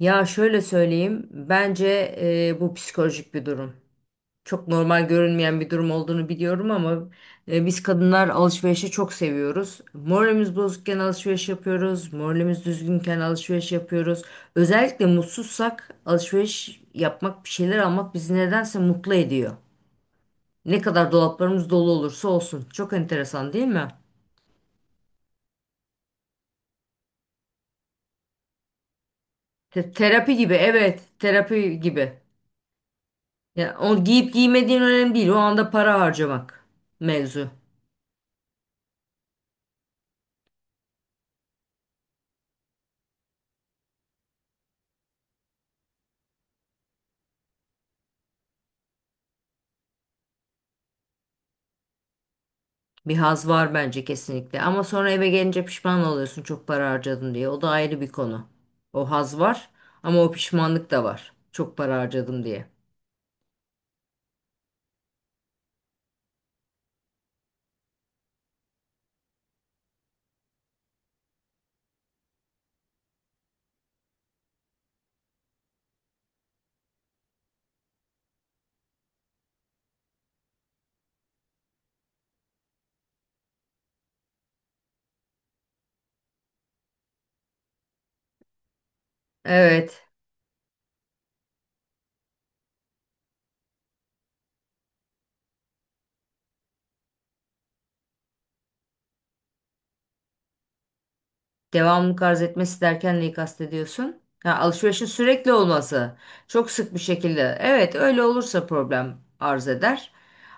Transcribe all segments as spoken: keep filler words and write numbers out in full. Ya şöyle söyleyeyim, bence e, bu psikolojik bir durum. Çok normal görünmeyen bir durum olduğunu biliyorum ama e, biz kadınlar alışverişi çok seviyoruz. Moralimiz bozukken alışveriş yapıyoruz, moralimiz düzgünken alışveriş yapıyoruz. Özellikle mutsuzsak alışveriş yapmak, bir şeyler almak bizi nedense mutlu ediyor. Ne kadar dolaplarımız dolu olursa olsun. Çok enteresan değil mi? Te- terapi gibi, evet, terapi gibi. Ya o giyip giymediğin önemli değil. O anda para harcamak mevzu. Bir haz var bence kesinlikle. Ama sonra eve gelince pişman oluyorsun çok para harcadım diye. O da ayrı bir konu. O haz var ama o pişmanlık da var. Çok para harcadım diye. Evet. Devamlılık arz etmesi derken neyi kastediyorsun? Ha, alışverişin sürekli olması. Çok sık bir şekilde. Evet, öyle olursa problem arz eder.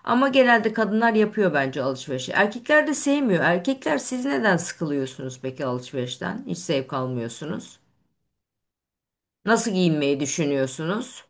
Ama genelde kadınlar yapıyor bence alışverişi. Erkekler de sevmiyor. Erkekler siz neden sıkılıyorsunuz peki alışverişten? Hiç zevk almıyorsunuz. Nasıl giyinmeyi düşünüyorsunuz?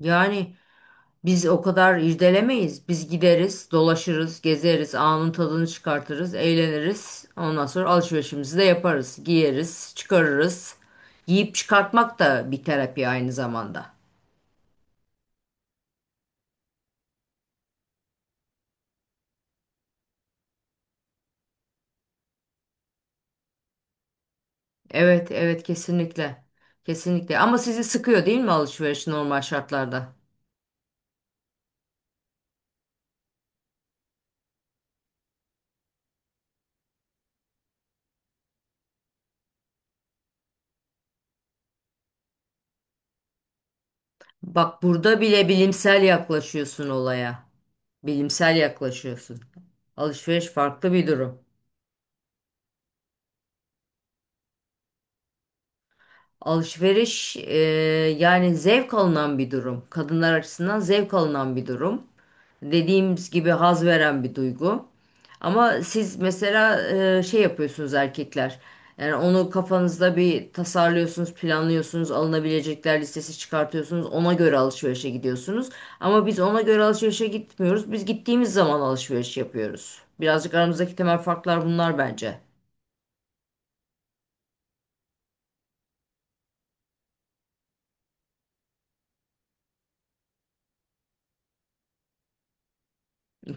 Yani Biz o kadar irdelemeyiz. Biz gideriz, dolaşırız, gezeriz, anın tadını çıkartırız, eğleniriz. Ondan sonra alışverişimizi de yaparız. Giyeriz, çıkarırız. Giyip çıkartmak da bir terapi aynı zamanda. Evet, evet kesinlikle. Kesinlikle. Ama sizi sıkıyor değil mi alışveriş normal şartlarda? Bak burada bile bilimsel yaklaşıyorsun olaya. Bilimsel yaklaşıyorsun. Alışveriş farklı bir durum. Alışveriş e, yani zevk alınan bir durum. Kadınlar açısından zevk alınan bir durum. Dediğimiz gibi haz veren bir duygu. Ama siz mesela e, şey yapıyorsunuz erkekler. Yani onu kafanızda bir tasarlıyorsunuz, planlıyorsunuz, alınabilecekler listesi çıkartıyorsunuz. Ona göre alışverişe gidiyorsunuz. Ama biz ona göre alışverişe gitmiyoruz. Biz gittiğimiz zaman alışveriş yapıyoruz. Birazcık aramızdaki temel farklar bunlar bence.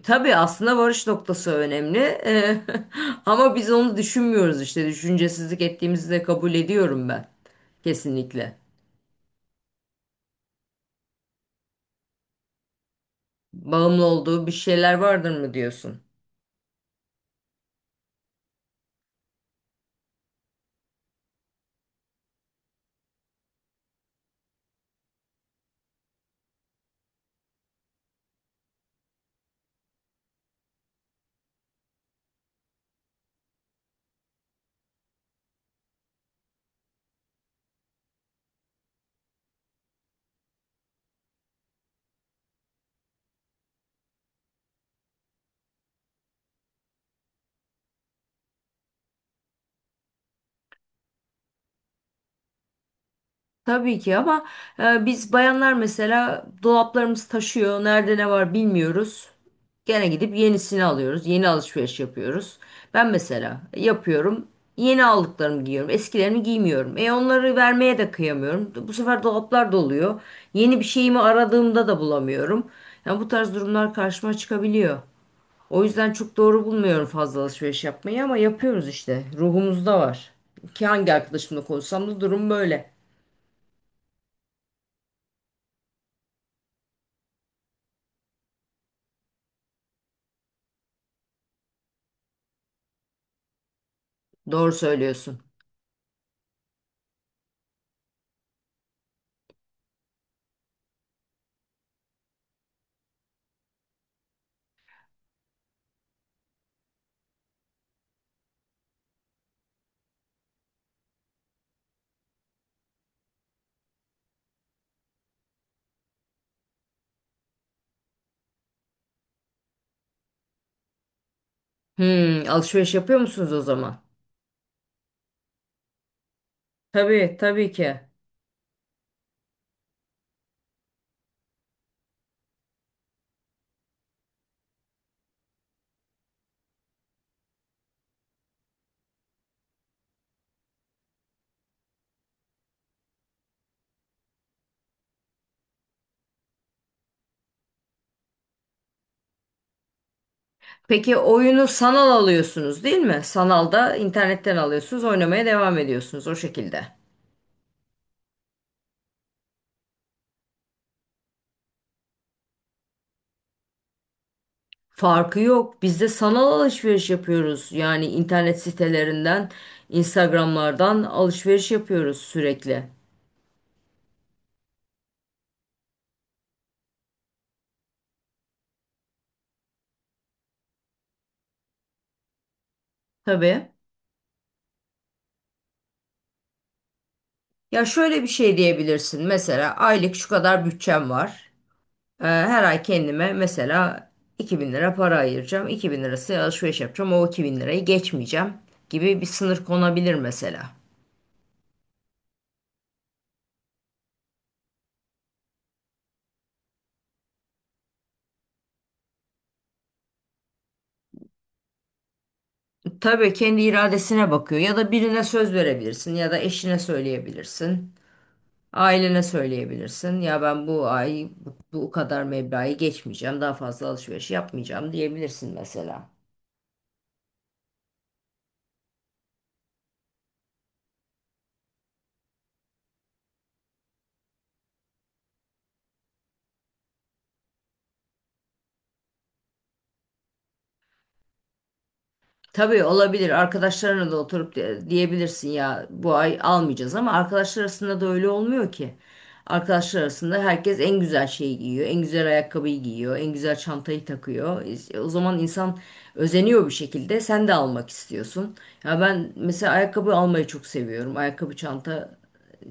Tabii aslında varış noktası önemli. Eee, ama biz onu düşünmüyoruz işte. Düşüncesizlik ettiğimizi de kabul ediyorum ben. Kesinlikle. Bağımlı olduğu bir şeyler vardır mı diyorsun? Tabii ki ama e, biz bayanlar mesela dolaplarımız taşıyor. Nerede ne var bilmiyoruz. Gene gidip yenisini alıyoruz. Yeni alışveriş yapıyoruz. Ben mesela yapıyorum. Yeni aldıklarımı giyiyorum. Eskilerimi giymiyorum. E onları vermeye de kıyamıyorum. Bu sefer dolaplar doluyor. Yeni bir şeyimi aradığımda da bulamıyorum. Yani bu tarz durumlar karşıma çıkabiliyor. O yüzden çok doğru bulmuyorum fazla alışveriş yapmayı ama yapıyoruz işte. Ruhumuzda var. Ki hangi arkadaşımla konuşsam da durum böyle. Doğru söylüyorsun. Hmm, alışveriş yapıyor musunuz o zaman? Tabii, tabii ki. Peki oyunu sanal alıyorsunuz değil mi? Sanalda internetten alıyorsunuz, oynamaya devam ediyorsunuz o şekilde. Farkı yok. Biz de sanal alışveriş yapıyoruz. Yani internet sitelerinden, Instagram'lardan alışveriş yapıyoruz sürekli. Tabii. Ya şöyle bir şey diyebilirsin. Mesela aylık şu kadar bütçem var. Ee, her ay kendime mesela iki bin lira para ayıracağım. iki bin lirası alışveriş yapacağım. O iki bin lirayı geçmeyeceğim gibi bir sınır konabilir mesela. Tabii kendi iradesine bakıyor. Ya da birine söz verebilirsin ya da eşine söyleyebilirsin. Ailene söyleyebilirsin. Ya ben bu ay bu bu kadar meblağı geçmeyeceğim. Daha fazla alışveriş yapmayacağım diyebilirsin mesela. Tabii olabilir. Arkadaşlarına da oturup de- diyebilirsin ya bu ay almayacağız ama arkadaşlar arasında da öyle olmuyor ki. Arkadaşlar arasında herkes en güzel şeyi giyiyor, en güzel ayakkabıyı giyiyor, en güzel çantayı takıyor. İşte O zaman insan özeniyor bir şekilde. Sen de almak istiyorsun. Ya ben mesela ayakkabı almayı çok seviyorum. Ayakkabı çanta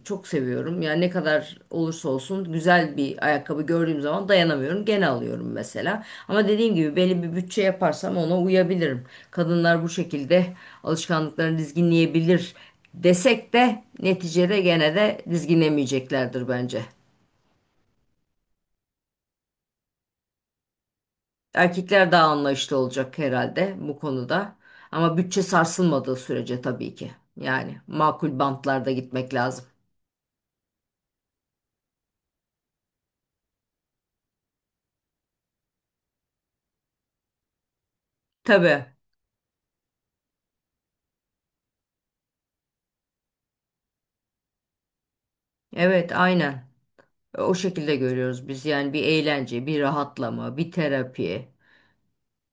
çok seviyorum. Yani ne kadar olursa olsun güzel bir ayakkabı gördüğüm zaman dayanamıyorum. Gene alıyorum mesela. Ama dediğim gibi belli bir bütçe yaparsam ona uyabilirim. Kadınlar bu şekilde alışkanlıklarını dizginleyebilir desek de neticede gene de dizginlemeyeceklerdir bence. Erkekler daha anlayışlı olacak herhalde bu konuda. Ama bütçe sarsılmadığı sürece tabii ki. Yani makul bantlarda gitmek lazım. Tabii. Evet, aynen. O şekilde görüyoruz biz yani bir eğlence, bir rahatlama, bir terapi,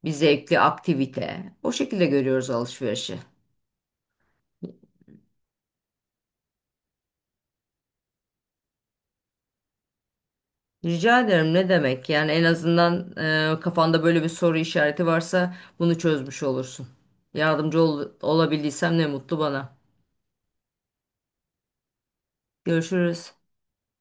bir zevkli aktivite. O şekilde görüyoruz alışverişi. Rica ederim ne demek? Yani en azından e, kafanda böyle bir soru işareti varsa bunu çözmüş olursun. Yardımcı ol- olabildiysem ne mutlu bana. Görüşürüz.